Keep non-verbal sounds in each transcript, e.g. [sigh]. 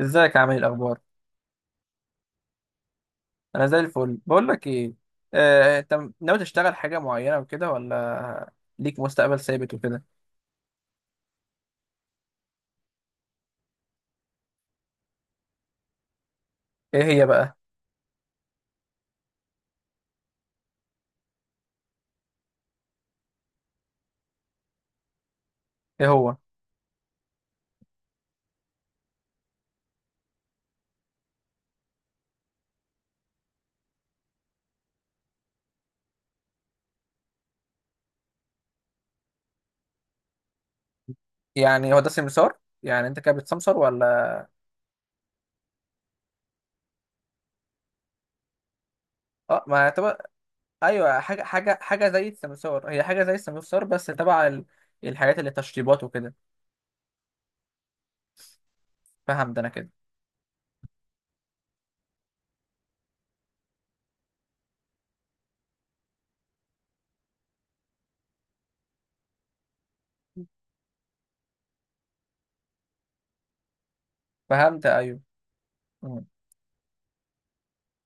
ازيك يا عامل، ايه الاخبار؟ انا زي الفل. بقول لك ايه، انت ناوي تشتغل حاجه معينه وكده ولا ليك مستقبل ثابت وكده؟ ايه هي بقى؟ ايه هو؟ يعني هو ده سمسار؟ يعني انت كده بتسمسار ولا؟ اه، ما تبقى ايوه، حاجه حاجه حاجه زي السمسار. هي حاجه زي السمسار بس تبع الحاجات اللي تشطيبات وكده. فهمت انا كده. فهمت، ايوه. مم.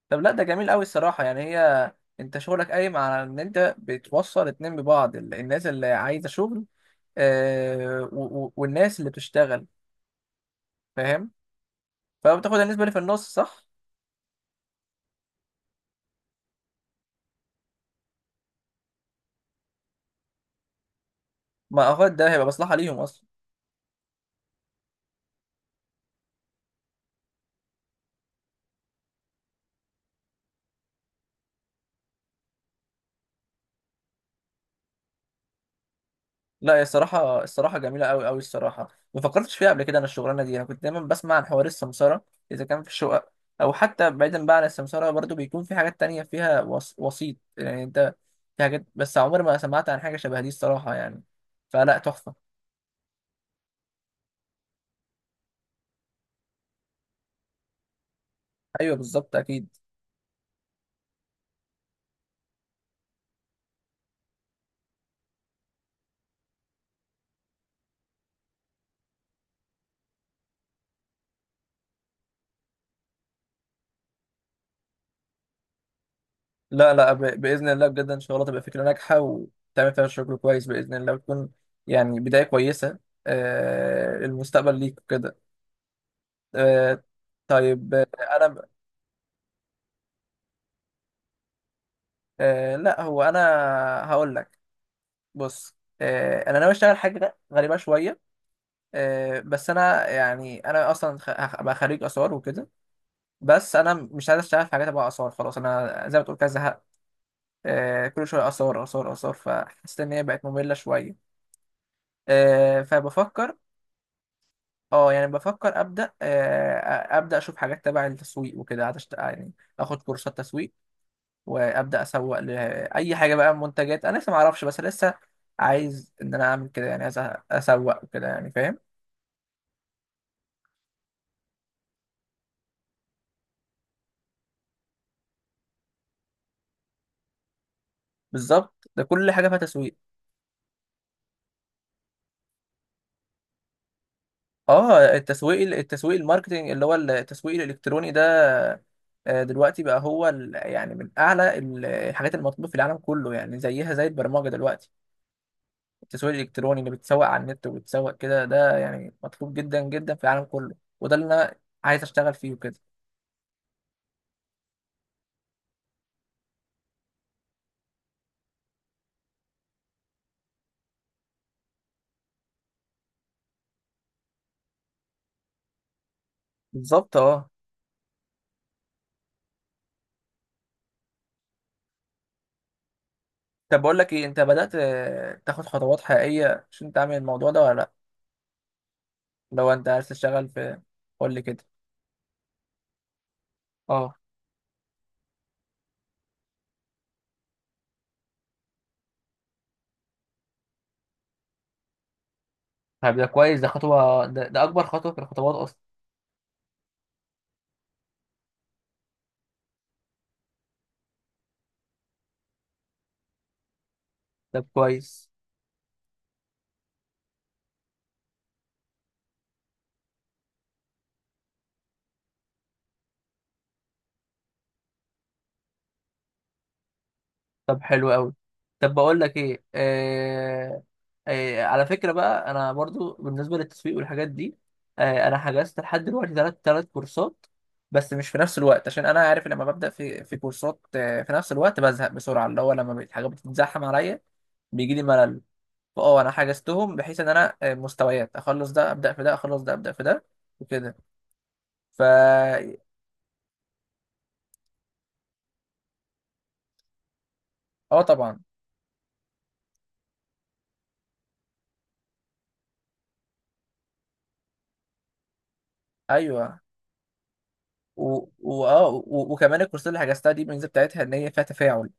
طب، لا، ده جميل قوي الصراحه. يعني هي انت شغلك قايم على ان انت بتوصل اتنين ببعض الناس اللي عايزه شغل، والناس اللي بتشتغل. فاهم؟ فبتاخد النسبة اللي في النص، صح؟ ما اعتقد ده هيبقى مصلحة ليهم اصلا. لا، هي الصراحة الصراحة جميلة أوي أوي الصراحة. ما فكرتش فيها قبل كده. أنا الشغلانة دي أنا كنت دايما بسمع عن حوار السمسرة إذا كان في الشقق، أو حتى بعيدا بقى عن السمسرة برضو بيكون في حاجات تانية فيها وسيط، يعني أنت في حاجات، بس عمري ما سمعت عن حاجة شبه دي الصراحة يعني. فلا، تحفة. أيوه، بالظبط، أكيد. لا لا، باذن الله بجد ان شاء الله تبقى فكره ناجحه وتعمل فيها شغل كويس باذن الله وتكون يعني بدايه كويسه. المستقبل ليك كده. آه. طيب. انا، لا هو انا هقول لك. بص، انا ناوي اشتغل حاجه غريبه شويه. بس انا اصلا ابقى خريج اثار وكده. بس انا مش عايز اشتغل في حاجات تبع اثار. خلاص انا زي ما تقول كده زهقت. كل شويه اثار اثار اثار، فحسيت ان هي بقت ممله شويه. فبفكر. اه يعني بفكر ابدا، ابدا اشوف حاجات تبع التسويق وكده، عشان يعني اخد كورسات تسويق وابدا اسوق لاي حاجه، بقى منتجات انا لسه ما اعرفش، بس لسه عايز ان انا اعمل كده. يعني عايز اسوق وكده، يعني فاهم؟ بالظبط، ده كل حاجه فيها تسويق. اه، التسويق التسويق الماركتنج اللي هو التسويق الالكتروني ده، دلوقتي بقى هو يعني من اعلى الحاجات المطلوبه في العالم كله. يعني زيها زي البرمجه دلوقتي. التسويق الالكتروني اللي بتسوق على النت وبتسوق كده، ده يعني مطلوب جدا جدا في العالم كله. وده اللي انا عايز اشتغل فيه وكده. بالظبط، اه. طب، بقول لك ايه، انت بدأت تاخد خطوات حقيقية عشان تعمل الموضوع ده ولا لا؟ لو انت عايز تشتغل في، قول لي كده. اه، طب ده كويس، ده خطوة، ده اكبر خطوة في الخطوات اصلا. طب كويس. طب حلو قوي. طب، بقول لك ايه، على فكره بقى انا برضو بالنسبه للتسويق والحاجات دي. انا حجزت لحد دلوقتي ثلاث كورسات، بس مش في نفس الوقت، عشان انا عارف لما ببدا في كورسات في نفس الوقت بزهق بسرعه، اللي هو لما الحاجات بتتزحم عليا بيجي لي ملل. فاه، انا حجزتهم بحيث ان انا مستويات، اخلص ده ابدا في ده، اخلص ده ابدا في ده وكده. ف اه، طبعا، ايوه، وكمان الكورسات اللي حجزتها دي الميزه بتاعتها ان هي فيها تفاعل.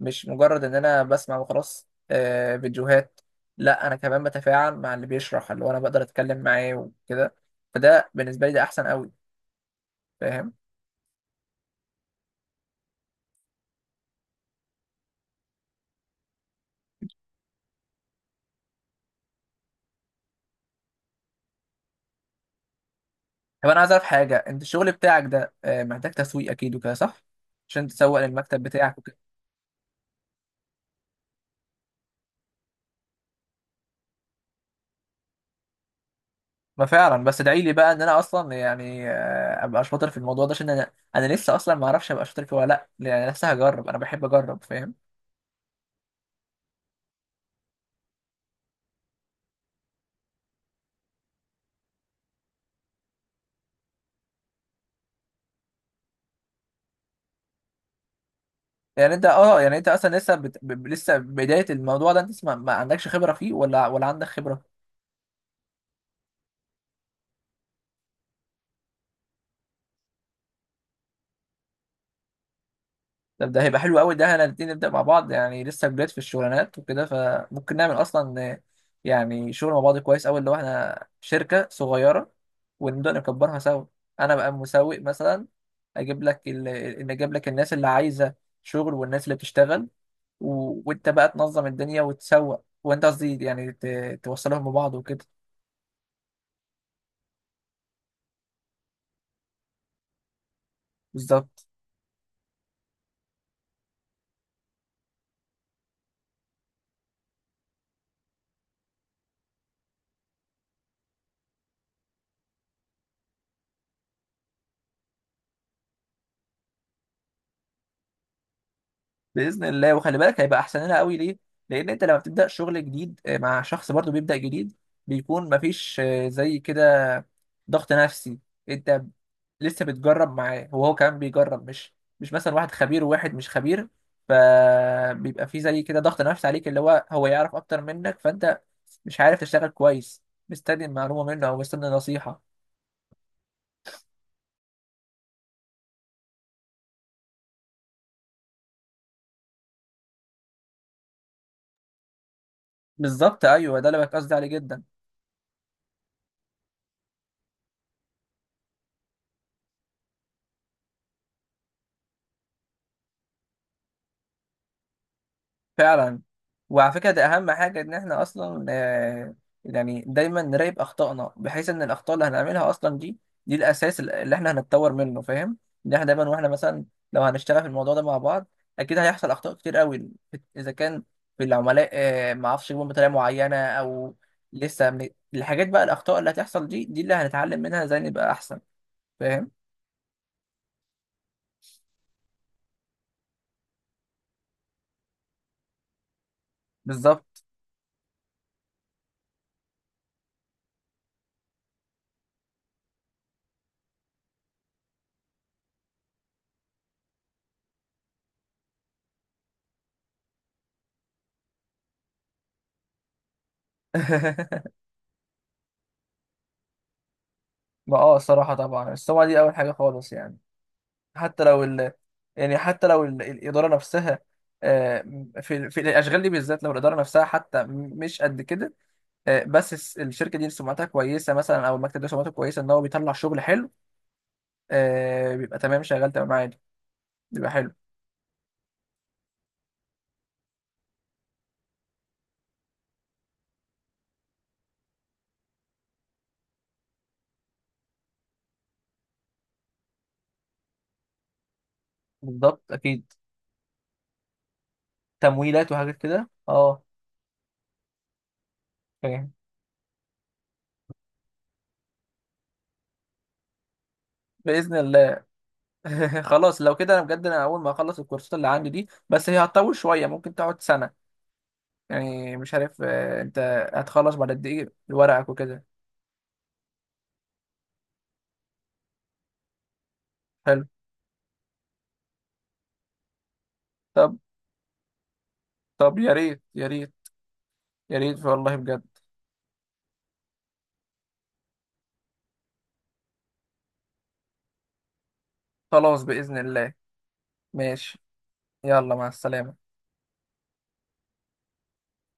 مش مجرد ان انا بسمع وخلاص فيديوهات. لا، انا كمان بتفاعل مع اللي بيشرح، اللي هو انا بقدر اتكلم معاه وكده. فده بالنسبه لي ده احسن قوي، فاهم؟ طب انا عايز اعرف حاجه. انت الشغل بتاعك ده محتاج تسويق اكيد وكده، صح؟ عشان تسوق للمكتب بتاعك وكده. ما فعلا، بس ادعي لي بقى ان انا اصلا يعني ابقى شاطر في الموضوع ده، عشان انا لسه اصلا ما اعرفش ابقى شاطر فيه ولا لا، يعني لسه هجرب. انا بحب اجرب، فاهم؟ يعني انت، يعني انت اصلا لسه لسه بدايه الموضوع ده. انت لسه ما عندكش خبره فيه ولا ولا عندك خبره. طب ده هيبقى حلو قوي. ده احنا الاتنين نبدا مع بعض، يعني لسه جداد في الشغلانات وكده، فممكن نعمل اصلا يعني شغل مع بعض كويس قوي، اللي هو احنا شركه صغيره ونبدا نكبرها سوا. انا بقى مسوق مثلا، اجيب لك الناس اللي عايزه شغل والناس اللي بتشتغل، وانت بقى تنظم الدنيا وتسوق، وانت قصدي يعني توصلهم ببعض وكده. بالظبط. باذن الله. وخلي بالك هيبقى احسن لنا قوي ليه، لان انت لما بتبدا شغل جديد مع شخص برضو بيبدا جديد، بيكون مفيش زي كده ضغط نفسي. انت لسه بتجرب معاه وهو كمان بيجرب، مش مثلا واحد خبير وواحد مش خبير. فبيبقى في زي كده ضغط نفسي عليك، اللي هو يعرف اكتر منك، فانت مش عارف تشتغل كويس، مستني المعلومه منه او مستني نصيحه. بالظبط، ايوه، ده اللي بقى قصدي عليه جدا. فعلا. وعلى فكرة ده أهم حاجة، إن إحنا أصلا يعني دايما نراقب أخطائنا، بحيث إن الأخطاء اللي هنعملها أصلا دي، دي الأساس اللي إحنا هنتطور منه، فاهم؟ إن إحنا دايما، وإحنا مثلا لو هنشتغل في الموضوع ده مع بعض أكيد هيحصل أخطاء كتير قوي. إذا كان في العملاء معرفش يجيبهم بطريقة معينة، أو لسه من الحاجات، بقى الأخطاء اللي هتحصل دي، دي اللي هنتعلم منها إزاي نبقى أحسن، فاهم؟ بالظبط. [laughs] ما الصراحة طبعا. بس هو دي أول حاجة خالص، يعني حتى لو يعني حتى لو الإدارة نفسها، آه، في الأشغال دي بالذات، لو الإدارة نفسها حتى مش قد كده، بس الشركة دي سمعتها كويسة مثلا، أو المكتب ده سمعته كويسة إن هو بيطلع شغل حلو، بيبقى تمام، شغال تمام عادي، بيبقى حلو. بالضبط، أكيد. تمويلات وحاجات كده، أه. فاهم. بإذن الله. [laughs] خلاص لو كده أنا بجد أنا أول ما أخلص الكورسات اللي عندي دي، بس هي هتطول شوية، ممكن تقعد سنة. يعني مش عارف أنت هتخلص بعد قد إيه ورقك وكده. حلو. طب. طب يا ريت، يا ريت، يا ريت والله بجد. خلاص بإذن الله. ماشي. يلا، مع السلامة.